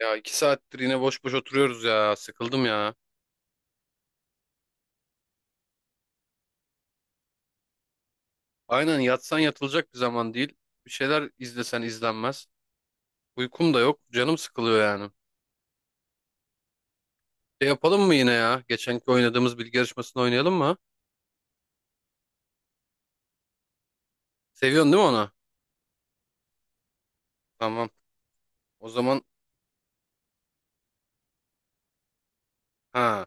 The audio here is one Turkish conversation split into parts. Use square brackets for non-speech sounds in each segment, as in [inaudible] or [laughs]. Ya iki saattir yine boş boş oturuyoruz ya. Sıkıldım ya. Aynen yatsan yatılacak bir zaman değil. Bir şeyler izlesen izlenmez. Uykum da yok. Canım sıkılıyor yani. Şey yapalım mı yine ya? Geçenki oynadığımız bilgi yarışmasını oynayalım mı? Seviyorsun değil mi onu? Tamam. O zaman, ha,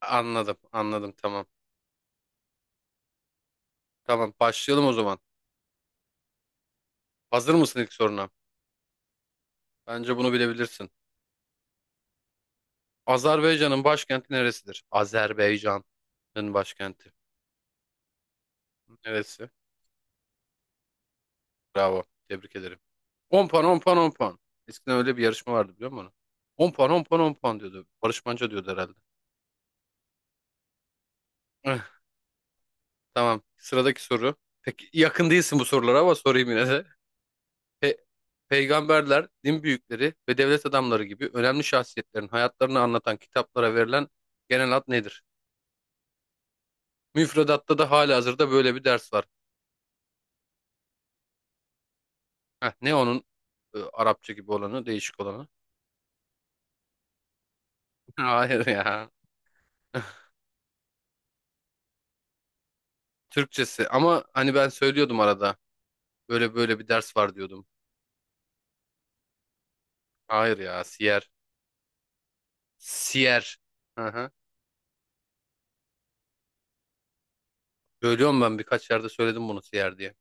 anladım, anladım, tamam. Tamam, başlayalım o zaman. Hazır mısın ilk soruna? Bence bunu bilebilirsin. Azerbaycan'ın başkenti neresidir? Azerbaycan'ın başkenti neresi? Bravo. Tebrik ederim. 10 puan, 10 puan, 10 puan. Eskiden öyle bir yarışma vardı, biliyor musun? 10 puan, 10 puan, 10 puan diyordu. Barış Manço diyordu herhalde. Eh, Tamam. Sıradaki soru. Peki yakın değilsin bu sorulara ama sorayım yine de. Pe- Peygamberler, din büyükleri ve devlet adamları gibi önemli şahsiyetlerin hayatlarını anlatan kitaplara verilen genel ad nedir? Müfredatta da halihazırda böyle bir ders var. Heh, ne onun Arapça gibi olanı, değişik olanı? [laughs] Hayır ya. Türkçesi ama hani ben söylüyordum arada. Böyle böyle bir ders var diyordum. Hayır ya, siyer. Siyer. Hı hı. Söylüyorum, ben birkaç yerde söyledim bunu siyer diye.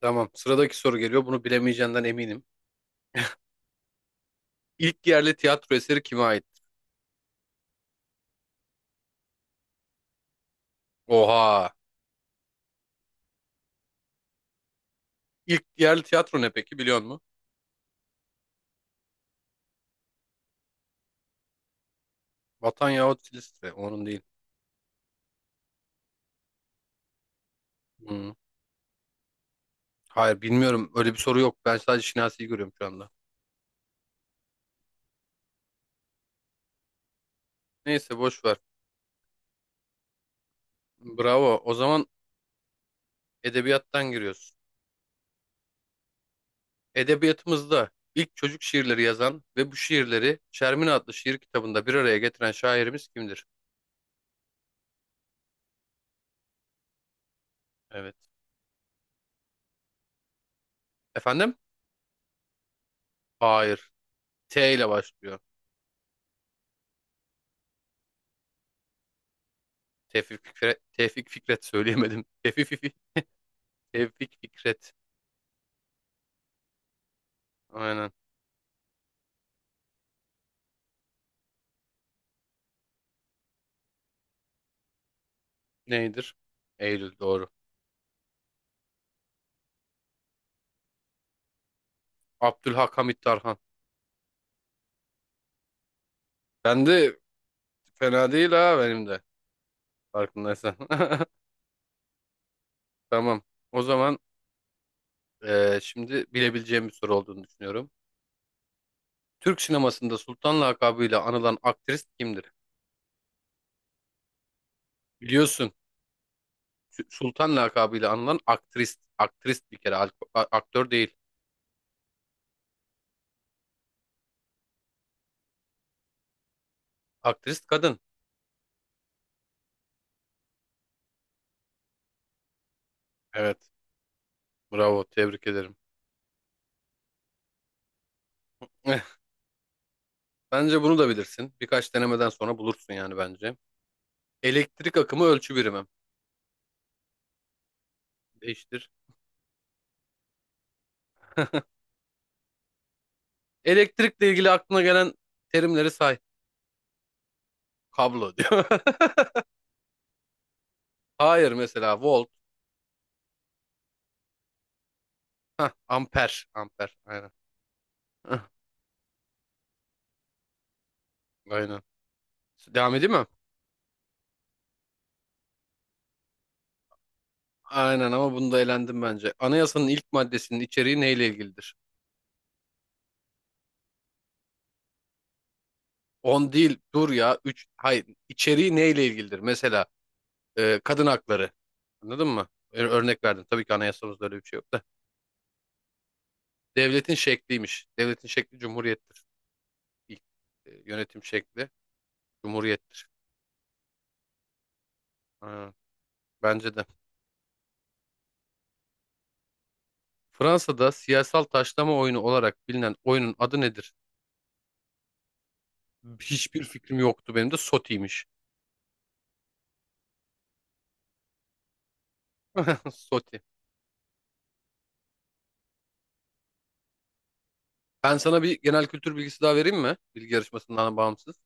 Tamam, sıradaki soru geliyor. Bunu bilemeyeceğinden eminim. İlk yerli tiyatro eseri kime ait? Oha. İlk yerli tiyatro ne peki, biliyor musun? Vatan yahut Filistre. Onun değil. Hı. Hayır, bilmiyorum. Öyle bir soru yok. Ben sadece Şinasi'yi görüyorum şu anda. Neyse, boş ver. Bravo. O zaman edebiyattan giriyoruz. Edebiyatımızda ilk çocuk şiirleri yazan ve bu şiirleri Şermin adlı şiir kitabında bir araya getiren şairimiz kimdir? Evet. Efendim? Hayır. T ile başlıyor. Tevfik Fikret, Tevfik Fikret söyleyemedim. [laughs] Tevfik Fikret. Aynen. Neydir? Eylül doğru. Abdülhak Hamit Tarhan. Ben de fena değil ha, benim de. Farkındaysan. [laughs] Tamam. O zaman şimdi bilebileceğim bir soru olduğunu düşünüyorum. Türk sinemasında Sultan lakabıyla anılan aktrist kimdir? Biliyorsun. Sultan lakabıyla anılan aktrist. Aktrist bir kere. Aktör değil. Aktrist kadın. Evet. Bravo, tebrik ederim. Eh, Bence bunu da bilirsin. Birkaç denemeden sonra bulursun yani bence. Elektrik akımı ölçü birimi. Değiştir. Elektrikle ilgili aklına gelen terimleri say. Kablo diyor. [laughs] Hayır, mesela volt. Hah, amper. Amper. Aynen. Hah, aynen. Devam edeyim mi? Aynen ama bunda elendim bence. Anayasanın ilk maddesinin içeriği neyle ilgilidir? On değil, dur ya, 3. Hayır, içeriği neyle ilgilidir? Mesela kadın hakları. Anladın mı? Örnek verdim. Tabii ki anayasamızda öyle bir şey yok da. Devletin şekliymiş. Devletin şekli cumhuriyettir. İlk yönetim şekli cumhuriyettir. Ha, bence de. Fransa'da siyasal taşlama oyunu olarak bilinen oyunun adı nedir? Hiçbir fikrim yoktu, benim de SOTI'ymiş. [laughs] SOTI. Ben sana bir genel kültür bilgisi daha vereyim mi? Bilgi yarışmasından bağımsız.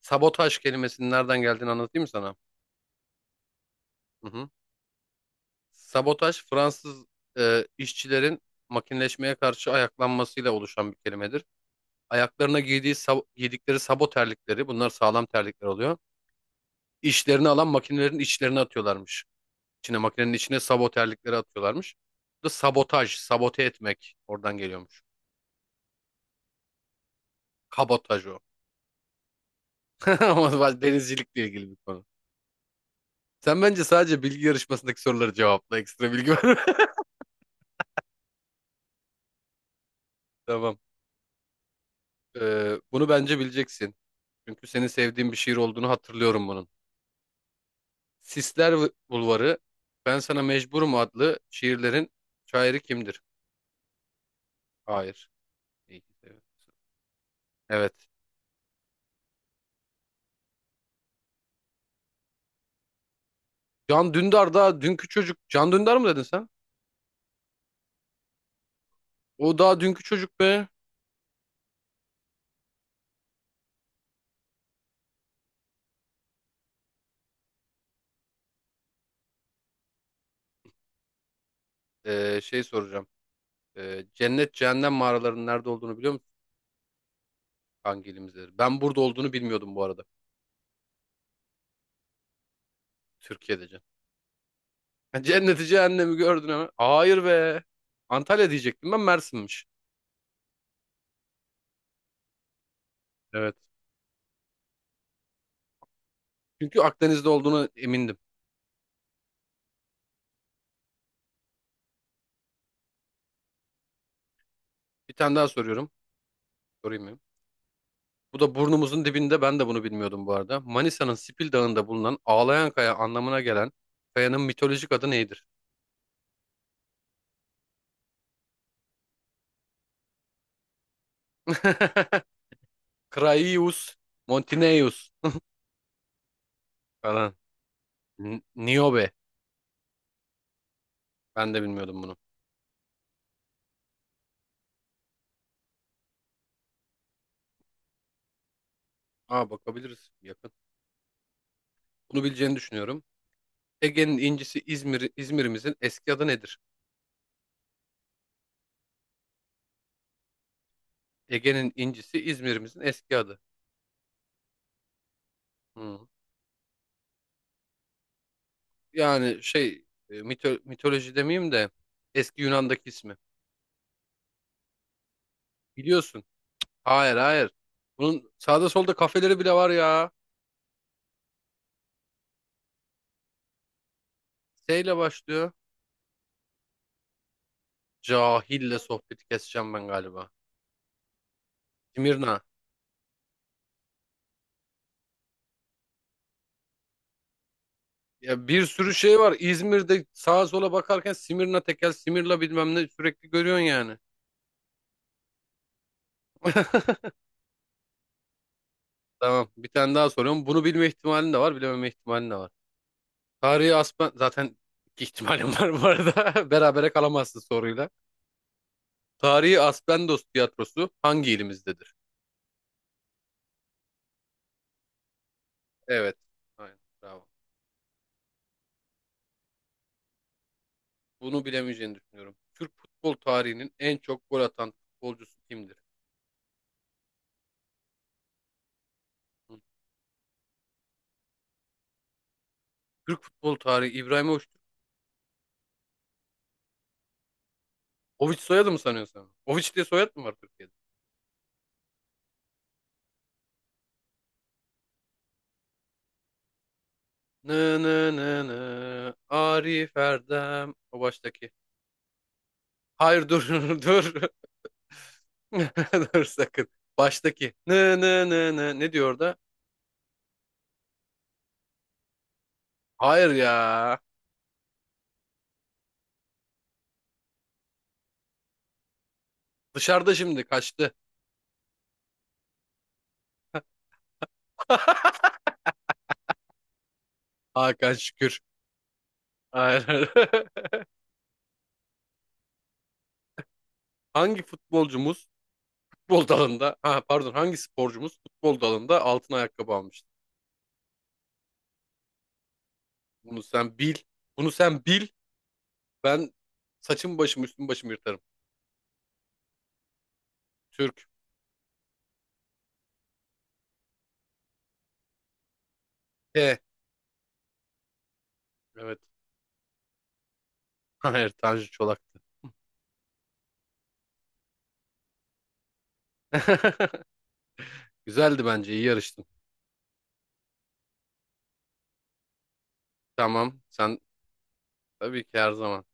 Sabotaj kelimesinin nereden geldiğini anlatayım mı sana? Hı hı. Sabotaj Fransız işçilerin makineleşmeye karşı ayaklanmasıyla oluşan bir kelimedir. Ayaklarına giydiği giydikleri sabo terlikleri, bunlar sağlam terlikler oluyor. İşlerini alan makinelerin içlerine atıyorlarmış. İçine, makinenin içine sabo terlikleri atıyorlarmış. Bu da sabotaj, sabote etmek oradan geliyormuş. Kabotaj o. [laughs] Ama denizcilikle ilgili bir konu. Sen bence sadece bilgi yarışmasındaki soruları cevapla. Ekstra bilgi var. [laughs] Tamam. Bunu bence bileceksin. Çünkü senin sevdiğin bir şiir olduğunu hatırlıyorum bunun. Sisler Bulvarı, Ben Sana Mecburum adlı şiirlerin şairi kimdir? Hayır. İyi ki seviyorsun. Evet. Can Dündar daha dünkü çocuk. Can Dündar mı dedin sen? O daha dünkü çocuk be. Şey soracağım. Cennet cehennem mağaralarının nerede olduğunu biliyor musun? Hangi ilimizde? Ben burada olduğunu bilmiyordum bu arada. Türkiye'de can. [laughs] Cenneti cehennemi gördün hemen. Hayır be. Antalya diyecektim, ben Mersin'miş. Evet. Çünkü Akdeniz'de olduğunu emindim. Bir tane daha soruyorum. Sorayım mı? Bu da burnumuzun dibinde, ben de bunu bilmiyordum bu arada. Manisa'nın Sipil Dağı'nda bulunan ağlayan kaya anlamına gelen kayanın mitolojik adı nedir? [laughs] Kraius, Montineus falan. Niobe. Ben de bilmiyordum bunu. Aa, bakabiliriz, yakın. Bunu bileceğini düşünüyorum. Ege'nin incisi İzmir, İzmir'imizin eski adı nedir? Ege'nin incisi İzmir'imizin eski adı. Hmm. Yani şey, mitoloji demeyeyim de eski Yunan'daki ismi. Biliyorsun. Hayır, hayır. Bunun sağda solda kafeleri bile var ya. S ile başlıyor. Cahille sohbeti keseceğim ben galiba. Simirna. Ya bir sürü şey var. İzmir'de sağa sola bakarken Simirna tekel, Simirla bilmem ne sürekli görüyorsun yani. [laughs] Tamam. Bir tane daha soruyorum. Bunu bilme ihtimalin de var, bilememe ihtimalin de var. Tarihi Aspen... Zaten iki ihtimalim var bu arada. [laughs] Berabere kalamazsın soruyla. Tarihi Aspendos tiyatrosu hangi ilimizdedir? Evet. Aynen. Bravo. Bunu bilemeyeceğini düşünüyorum. Türk futbol tarihinin en çok gol atan futbolcusu kimdir? Hı. Türk futbol tarihi İbrahimovic. Oviç soyadı mı sanıyorsun? Sen? Oviç diye soyad mı var Türkiye'de? Nı nı nı nı. Arif Erdem. O baştaki. Hayır, dur, [laughs] dur. [laughs] Dur sakın. Baştaki. Nı nı nı nı. Ne diyor orada? Hayır ya. Dışarıda şimdi kaçtı. [laughs] Hakan Şükür. Aynen. [laughs] Hangi futbolcumuz futbol dalında, ha pardon, hangi sporcumuz futbol dalında altın ayakkabı almıştı? Bunu sen bil. Bunu sen bil. Ben saçım başım, üstüm başım yırtarım. Türk. T. Evet. [laughs] Hayır, Tanju Çolak'tı. [laughs] Güzeldi bence. İyi yarıştın. Tamam. Sen, tabii ki, her zaman.